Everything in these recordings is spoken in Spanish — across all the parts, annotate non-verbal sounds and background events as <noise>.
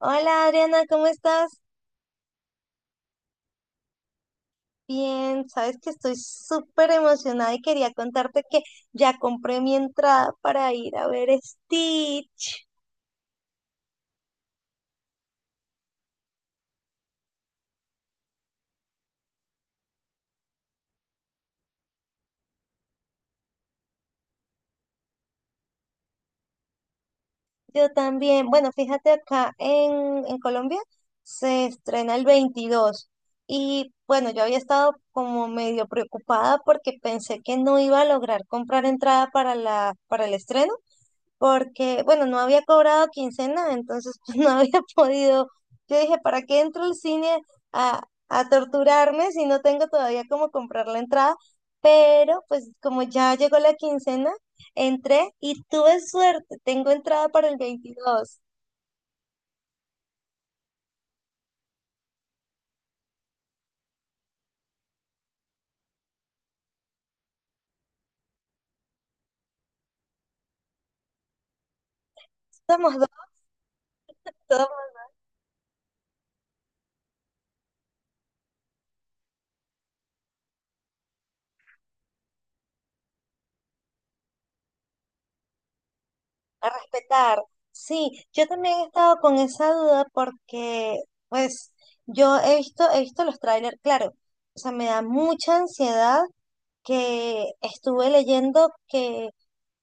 Hola, Adriana, ¿cómo estás? Bien, sabes que estoy súper emocionada y quería contarte que ya compré mi entrada para ir a ver Stitch. Yo también, bueno, fíjate acá en Colombia se estrena el 22 y bueno, yo había estado como medio preocupada porque pensé que no iba a lograr comprar entrada para para el estreno porque, bueno, no había cobrado quincena, entonces <laughs> pues, no había podido. Yo dije, ¿para qué entro al cine a, a torturarme si no tengo todavía cómo comprar la entrada? Pero pues como ya llegó la quincena, entré y tuve suerte, tengo entrada para el 22. Somos dos, todos a respetar. Sí, yo también he estado con esa duda porque, pues, he visto los trailers, claro, o sea, me da mucha ansiedad que estuve leyendo que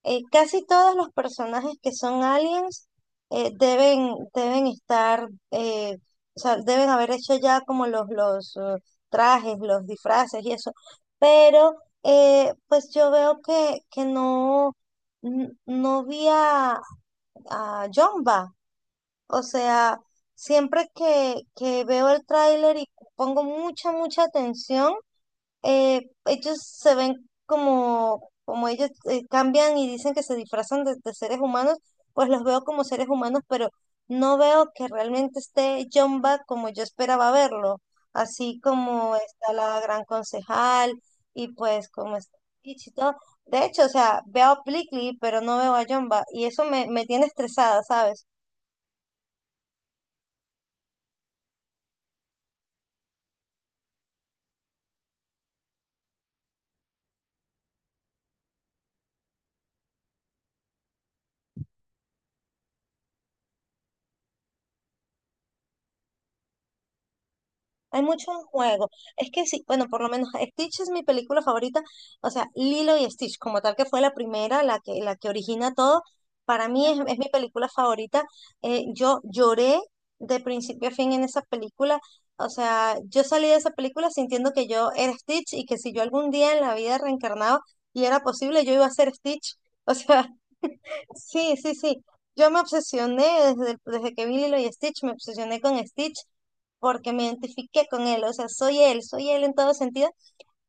casi todos los personajes que son aliens deben estar, o sea, deben haber hecho ya como los trajes, los disfraces y eso, pero pues yo veo que no, no vi a Jumba, o sea, siempre que veo el tráiler y pongo mucha atención, ellos se ven como, como ellos cambian y dicen que se disfrazan de seres humanos, pues los veo como seres humanos, pero no veo que realmente esté Jumba como yo esperaba verlo, así como está la gran concejal y pues como está Peach y todo. De hecho, o sea, veo a Plickly, pero no veo a Jumba y eso me, me tiene estresada, ¿sabes? Hay mucho en juego. Es que sí, bueno, por lo menos Stitch es mi película favorita. O sea, Lilo y Stitch, como tal que fue la primera, la que origina todo, para mí es mi película favorita. Yo lloré de principio a fin en esa película. O sea, yo salí de esa película sintiendo que yo era Stitch y que si yo algún día en la vida reencarnaba y era posible, yo iba a ser Stitch. <laughs> O sea, sí, sí, sí. Yo me obsesioné desde que vi Lilo y Stitch, me obsesioné con Stitch porque me identifiqué con él. O sea, soy él en todo sentido.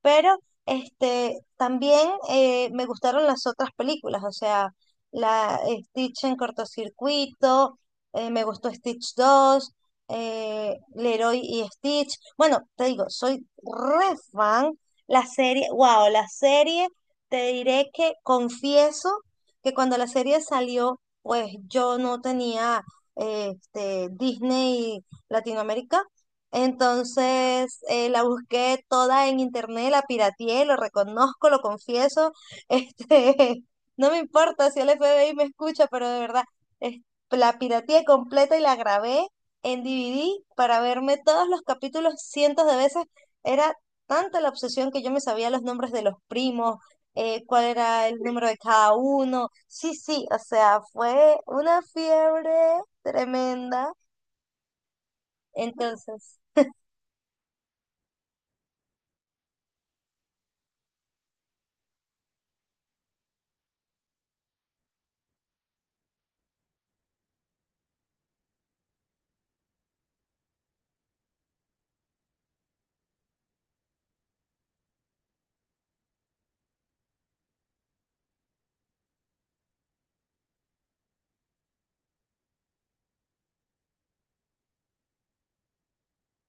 Pero este, también me gustaron las otras películas, o sea, la Stitch en cortocircuito, me gustó Stitch dos, Leroy y Stitch. Bueno, te digo, soy re fan. La serie, wow, la serie, te diré que confieso que cuando la serie salió, pues yo no tenía Disney Latinoamérica. Entonces la busqué toda en internet, la pirateé, lo reconozco, lo confieso. <laughs> Este, no me importa si el FBI me escucha, pero de verdad, es- la pirateé completa y la grabé en DVD para verme todos los capítulos cientos de veces. Era tanta la obsesión que yo me sabía los nombres de los primos, cuál era el número de cada uno. Sí, sí, o sea, fue una fiebre tremenda. Entonces,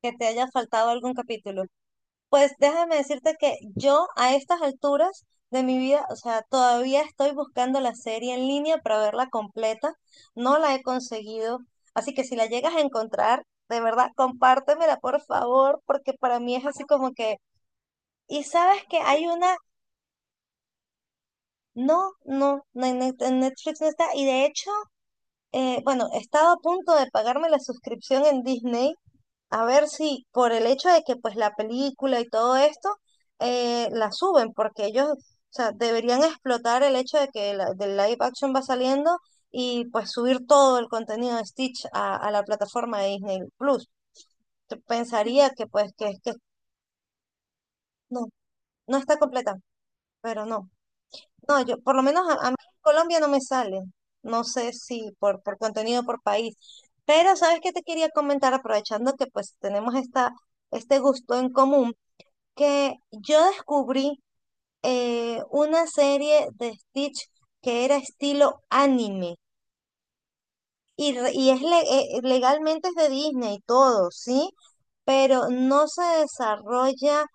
que te haya faltado algún capítulo. Pues déjame decirte que yo a estas alturas de mi vida, o sea, todavía estoy buscando la serie en línea para verla completa. No la he conseguido. Así que si la llegas a encontrar, de verdad, compártemela por favor, porque para mí es así como que... Y sabes que hay una... No, no, no en en Netflix no está. Y de hecho, bueno, he estado a punto de pagarme la suscripción en Disney. A ver si por el hecho de que pues la película y todo esto la suben, porque ellos, o sea, deberían explotar el hecho de que del live action va saliendo y pues subir todo el contenido de Stitch a la plataforma de Disney Plus. Yo pensaría que pues que no, no está completa, pero no. No, yo por lo menos a mí en Colombia no me sale. No sé si por contenido por país. Pero ¿sabes qué te quería comentar? Aprovechando que pues tenemos este gusto en común, que yo descubrí una serie de Stitch que era estilo anime y, legalmente es de Disney y todo, ¿sí? Pero no se desarrolla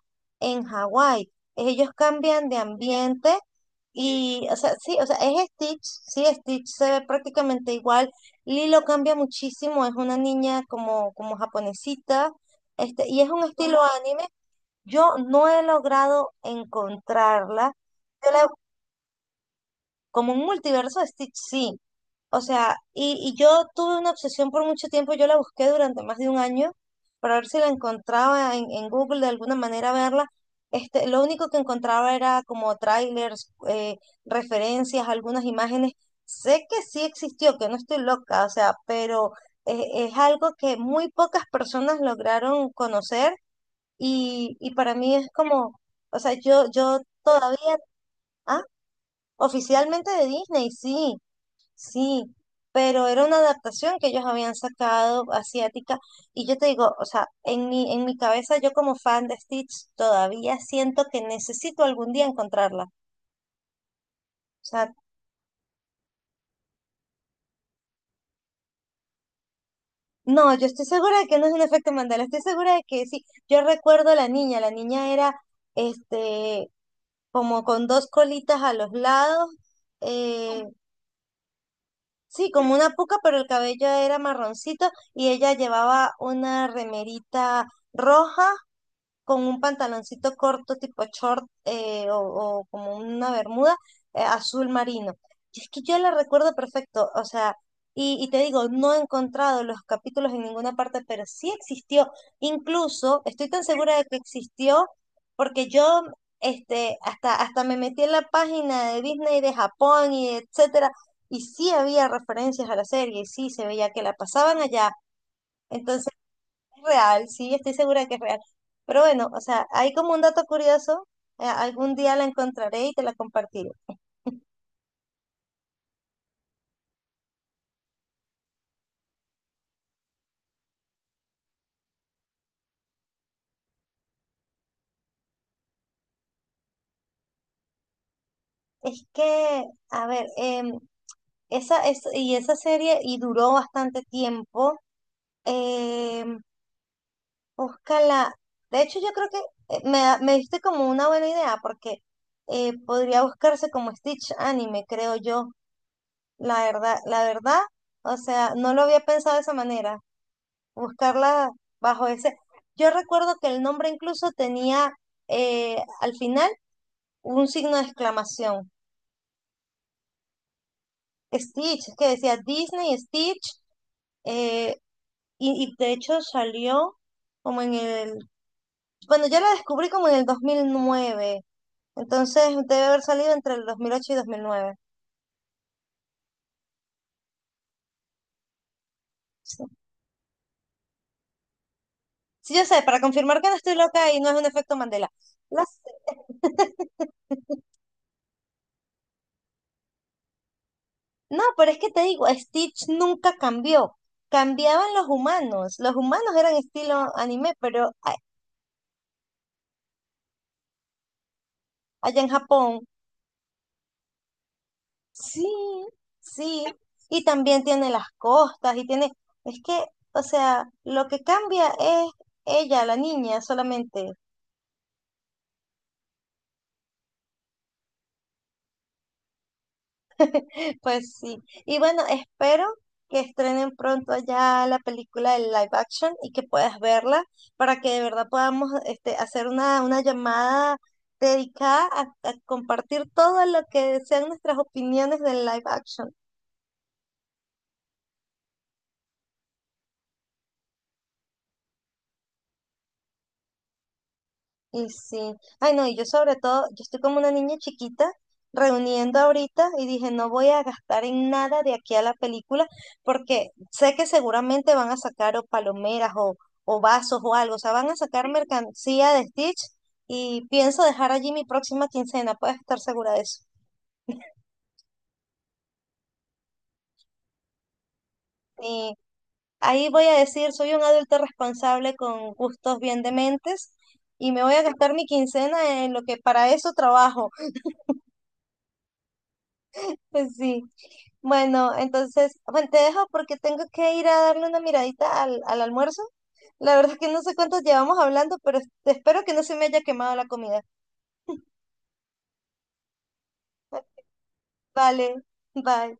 en Hawái. Ellos cambian de ambiente y, o sea, sí, o sea, es Stitch, sí, Stitch se ve prácticamente igual. Lilo cambia muchísimo, es una niña como, como japonesita, y es un estilo anime, yo no he logrado encontrarla. Yo la- como un multiverso de Stitch, sí. O sea, y yo tuve una obsesión por mucho tiempo. Yo la busqué durante más de un año para ver si la encontraba en Google, de alguna manera verla. Lo único que encontraba era como trailers, referencias, algunas imágenes. Sé que sí existió, que no estoy loca, o sea, pero es algo que muy pocas personas lograron conocer y para mí es como, o sea, yo todavía, ah, oficialmente de Disney, sí, sí, pero era una adaptación que ellos habían sacado asiática. Y yo te digo, o sea, en mi cabeza yo como fan de Stitch todavía siento que necesito algún día encontrarla. O sea, no, yo estoy segura de que no es un efecto Mandela, estoy segura de que sí. Yo recuerdo a la niña era, este, como con dos colitas a los lados. eh, Sí, como una puca, pero el cabello era marroncito y ella llevaba una remerita roja con un pantaloncito corto tipo short, o como una bermuda azul marino. Y es que yo la recuerdo perfecto, o sea, y te digo, no he encontrado los capítulos en ninguna parte, pero sí existió, incluso estoy tan segura de que existió, porque yo, hasta me metí en la página de Disney de Japón y etcétera, y sí había referencias a la serie, y sí se veía que la pasaban allá. Entonces, real, sí, estoy segura que es real. Pero bueno, o sea, hay como un dato curioso. Algún día la encontraré y te la compartiré. Es que, a ver, esa es, y esa serie y duró bastante tiempo. em, Búscala. De hecho, yo creo que me diste como una buena idea porque podría buscarse como Stitch Anime, creo yo. La verdad, o sea, no lo había pensado de esa manera. Buscarla bajo ese. Yo recuerdo que el nombre incluso tenía, al final, un signo de exclamación. Stitch, que decía Disney, Stitch, eh, y de hecho salió como en el... Bueno, yo la descubrí como en el 2009. Entonces debe haber salido entre el 2008 y 2009. Sí, sí, yo sé, para confirmar que no estoy loca y no es un efecto Mandela. Las- No, pero es que te digo, Stitch nunca cambió. Cambiaban los humanos. Los humanos eran estilo anime, pero allá en Japón, sí, sí. Y también tiene las costas y tiene... Es que, o sea, lo que cambia es ella, la niña, solamente. <laughs> Pues sí. Y bueno, espero que estrenen pronto ya la película del live action y que puedas verla para que de verdad podamos, hacer una llamada dedicada a compartir todo lo que sean nuestras opiniones del live action. Y sí, ay no, y yo sobre todo, yo estoy como una niña chiquita reuniendo ahorita y dije, no voy a gastar en nada de aquí a la película porque sé que seguramente van a sacar o palomeras o vasos o algo, o sea, van a sacar mercancía de Stitch y pienso dejar allí mi próxima quincena, puedes estar segura de eso. Y ahí voy a decir, soy un adulto responsable con gustos bien dementes y me voy a gastar mi quincena en lo que para eso trabajo. <laughs> Sí. Bueno, entonces, bueno, te dejo porque tengo que ir a darle una miradita al almuerzo. La verdad es que no sé cuántos llevamos hablando, pero espero que no se me haya quemado la comida. Vale, bye.